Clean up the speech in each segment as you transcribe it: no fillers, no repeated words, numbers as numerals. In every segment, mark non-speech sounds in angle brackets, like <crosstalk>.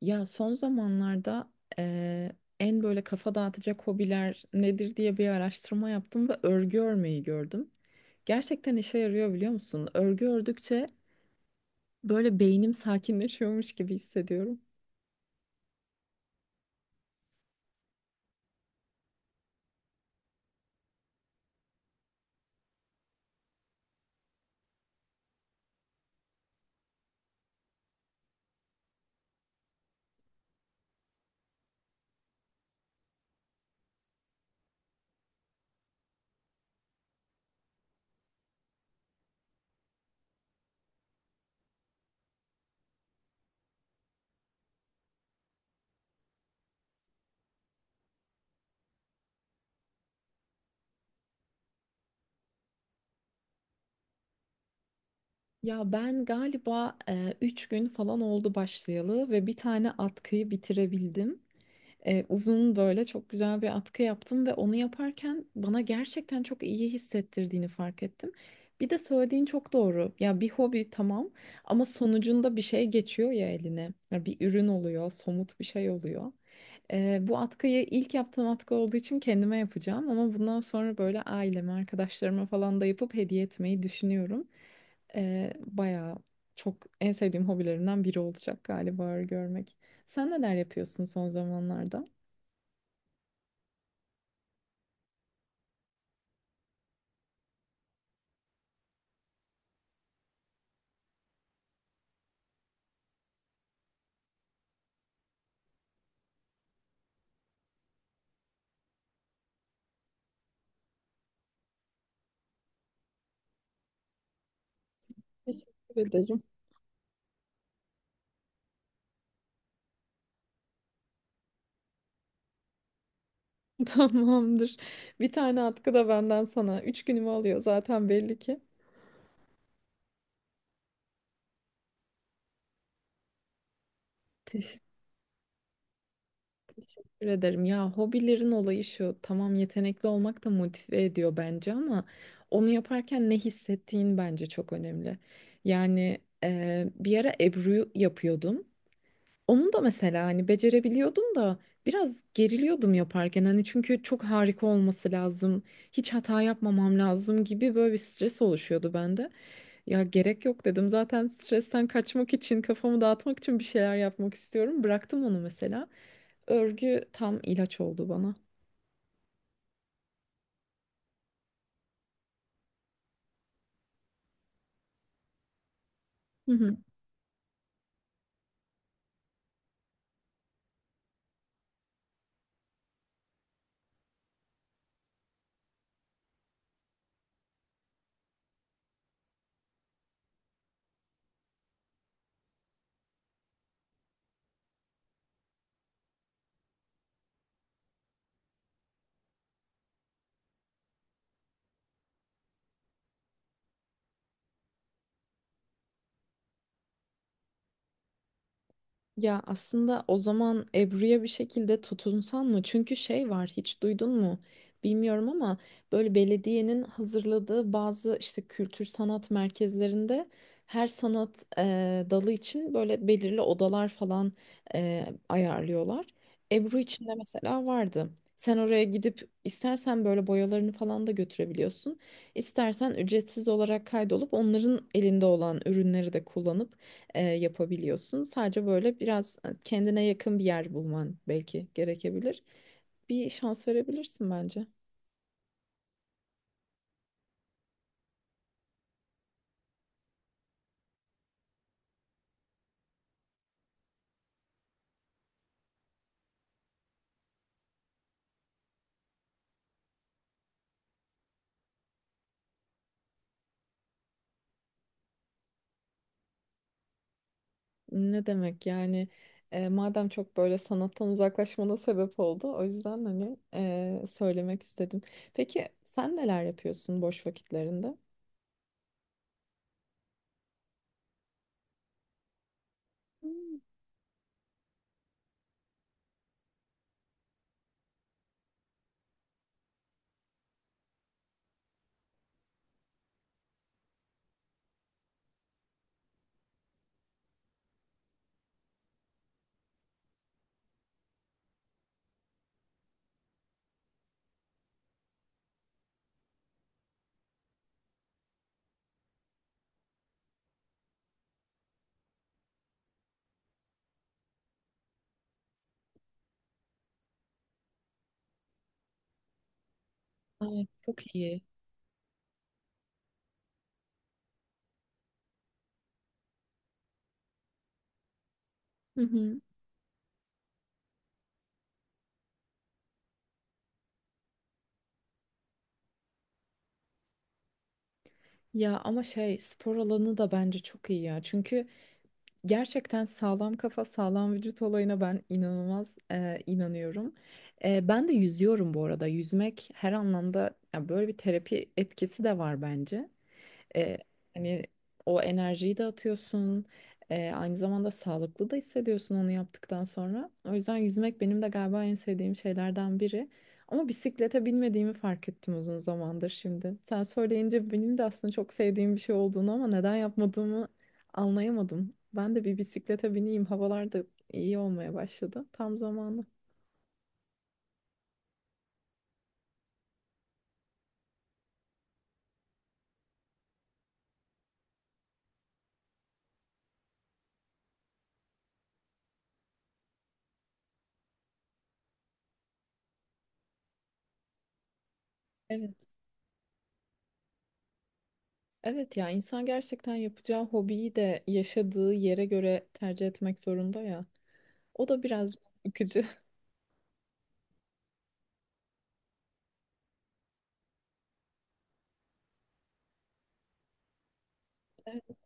Ya son zamanlarda eee, en böyle kafa dağıtacak hobiler nedir diye bir araştırma yaptım ve örgü örmeyi gördüm. Gerçekten işe yarıyor biliyor musun? Örgü ördükçe böyle beynim sakinleşiyormuş gibi hissediyorum. Ya ben galiba 3 gün falan oldu başlayalı ve bir tane atkıyı bitirebildim. Uzun böyle çok güzel bir atkı yaptım ve onu yaparken bana gerçekten çok iyi hissettirdiğini fark ettim. Bir de söylediğin çok doğru. Ya bir hobi tamam ama sonucunda bir şey geçiyor ya eline. Ya bir ürün oluyor, somut bir şey oluyor. Bu atkıyı ilk yaptığım atkı olduğu için kendime yapacağım ama bundan sonra böyle aileme, arkadaşlarıma falan da yapıp hediye etmeyi düşünüyorum. Bayağı çok en sevdiğim hobilerimden biri olacak galiba örgü örmek. Sen neler yapıyorsun son zamanlarda? Teşekkür ederim. <laughs> Tamamdır. Bir tane atkı da benden sana. Üç günümü alıyor zaten belli ki. Teş- Teşekkür ederim. Ya hobilerin olayı şu. Tamam yetenekli olmak da motive ediyor bence ama onu yaparken ne hissettiğin bence çok önemli. Yani bir ara Ebru yapıyordum. Onu da mesela hani becerebiliyordum da biraz geriliyordum yaparken. Hani çünkü çok harika olması lazım. Hiç hata yapmamam lazım gibi böyle bir stres oluşuyordu bende. Ya gerek yok dedim. Zaten stresten kaçmak için, kafamı dağıtmak için bir şeyler yapmak istiyorum. Bıraktım onu mesela. Örgü tam ilaç oldu bana. Hı hı. Ya aslında o zaman Ebru'ya bir şekilde tutunsan mı? Çünkü şey var hiç duydun mu? Bilmiyorum ama böyle belediyenin hazırladığı bazı işte kültür sanat merkezlerinde her sanat dalı için böyle belirli odalar falan ayarlıyorlar. Ebru için de mesela vardı. Sen oraya gidip istersen böyle boyalarını falan da götürebiliyorsun. İstersen ücretsiz olarak kaydolup onların elinde olan ürünleri de kullanıp yapabiliyorsun. Sadece böyle biraz kendine yakın bir yer bulman belki gerekebilir. Bir şans verebilirsin bence. Ne demek yani madem çok böyle sanattan uzaklaşmana sebep oldu o yüzden hani söylemek istedim. Peki sen neler yapıyorsun boş vakitlerinde? Hmm. Ay, çok iyi. Hı hı. Ya ama şey spor alanı da bence çok iyi ya. Çünkü gerçekten sağlam kafa, sağlam vücut olayına ben inanılmaz inanıyorum. Ben de yüzüyorum bu arada. Yüzmek her anlamda ya böyle bir terapi etkisi de var bence. E, Hani o enerjiyi de atıyorsun. Aynı zamanda sağlıklı da hissediyorsun onu yaptıktan sonra. O yüzden yüzmek benim de galiba en sevdiğim şeylerden biri. Ama bisiklete binmediğimi fark ettim uzun zamandır şimdi. Sen söyleyince benim de aslında çok sevdiğim bir şey olduğunu ama neden yapmadığımı anlayamadım. Ben de bir bisiklete bineyim. Havalar da iyi olmaya başladı. Tam zamanı. Evet. Evet ya insan gerçekten yapacağı hobiyi de yaşadığı yere göre tercih etmek zorunda ya. O da biraz yıkıcı. Evet.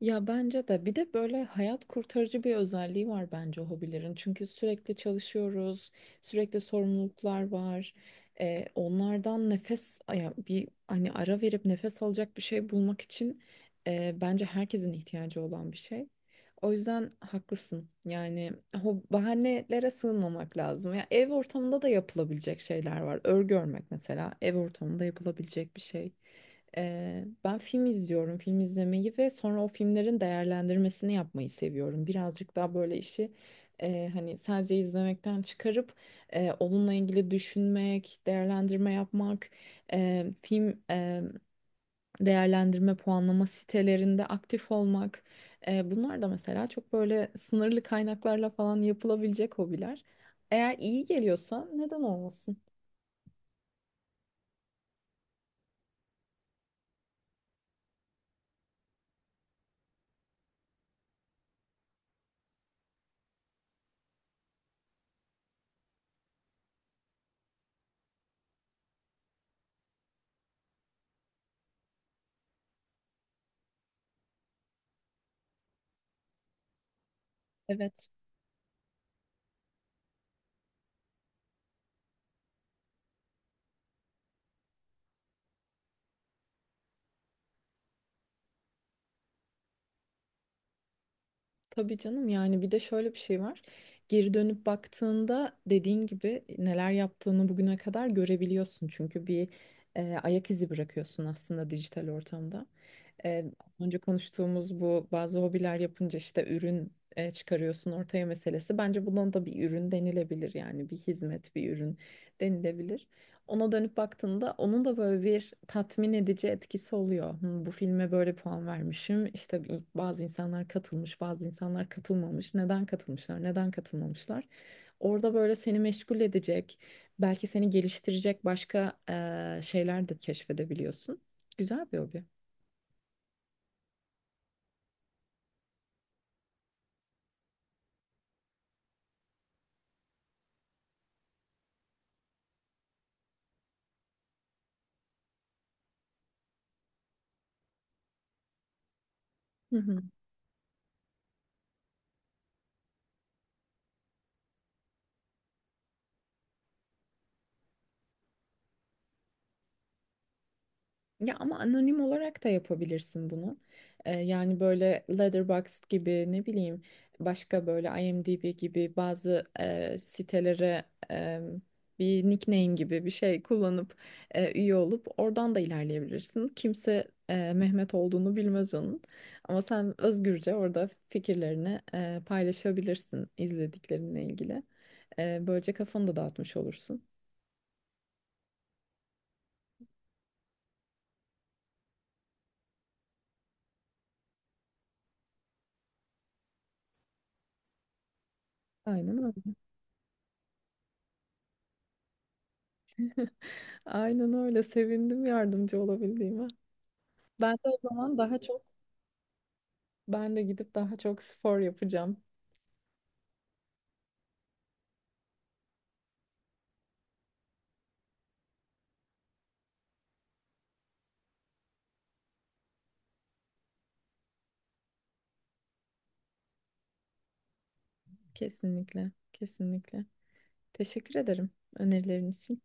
Ya bence de bir de böyle hayat kurtarıcı bir özelliği var bence hobilerin. Çünkü sürekli çalışıyoruz, sürekli sorumluluklar var. Onlardan nefes, ya bir hani ara verip nefes alacak bir şey bulmak için bence herkesin ihtiyacı olan bir şey. O yüzden haklısın. Yani o bahanelere sığınmamak lazım. Ya ev ortamında da yapılabilecek şeyler var. Örgü örmek mesela ev ortamında yapılabilecek bir şey. Ben film izliyorum, film izlemeyi ve sonra o filmlerin değerlendirmesini yapmayı seviyorum. Birazcık daha böyle işi hani sadece izlemekten çıkarıp onunla ilgili düşünmek, değerlendirme yapmak, film değerlendirme puanlama sitelerinde aktif olmak. Bunlar da mesela çok böyle sınırlı kaynaklarla falan yapılabilecek hobiler. Eğer iyi geliyorsa neden olmasın? Evet. Tabii canım yani bir de şöyle bir şey var. Geri dönüp baktığında dediğin gibi neler yaptığını bugüne kadar görebiliyorsun. Çünkü bir ayak izi bırakıyorsun aslında dijital ortamda. Az önce konuştuğumuz bu bazı hobiler yapınca işte ürün çıkarıyorsun ortaya meselesi. Bence bundan da bir ürün denilebilir yani bir hizmet bir ürün denilebilir, ona dönüp baktığında onun da böyle bir tatmin edici etkisi oluyor. Hı, bu filme böyle puan vermişim. İşte bazı insanlar katılmış, bazı insanlar katılmamış. Neden katılmışlar, neden katılmamışlar? Orada böyle seni meşgul edecek, belki seni geliştirecek başka şeyler de keşfedebiliyorsun. Güzel bir hobi. Hı hı. Ya ama anonim olarak da yapabilirsin bunu. Yani böyle Letterboxd gibi ne bileyim başka böyle IMDb gibi bazı sitelere e, bir nickname gibi bir şey kullanıp üye olup oradan da ilerleyebilirsin. Kimse Mehmet olduğunu bilmez onun. Ama sen özgürce orada fikirlerini paylaşabilirsin izlediklerinle ilgili. Böylece kafanı da dağıtmış olursun. Aynen öyle. <laughs> Aynen öyle. Sevindim yardımcı olabildiğime. Ben de o zaman daha çok ben de gidip daha çok spor yapacağım. Kesinlikle, kesinlikle. Teşekkür ederim önerilerin için.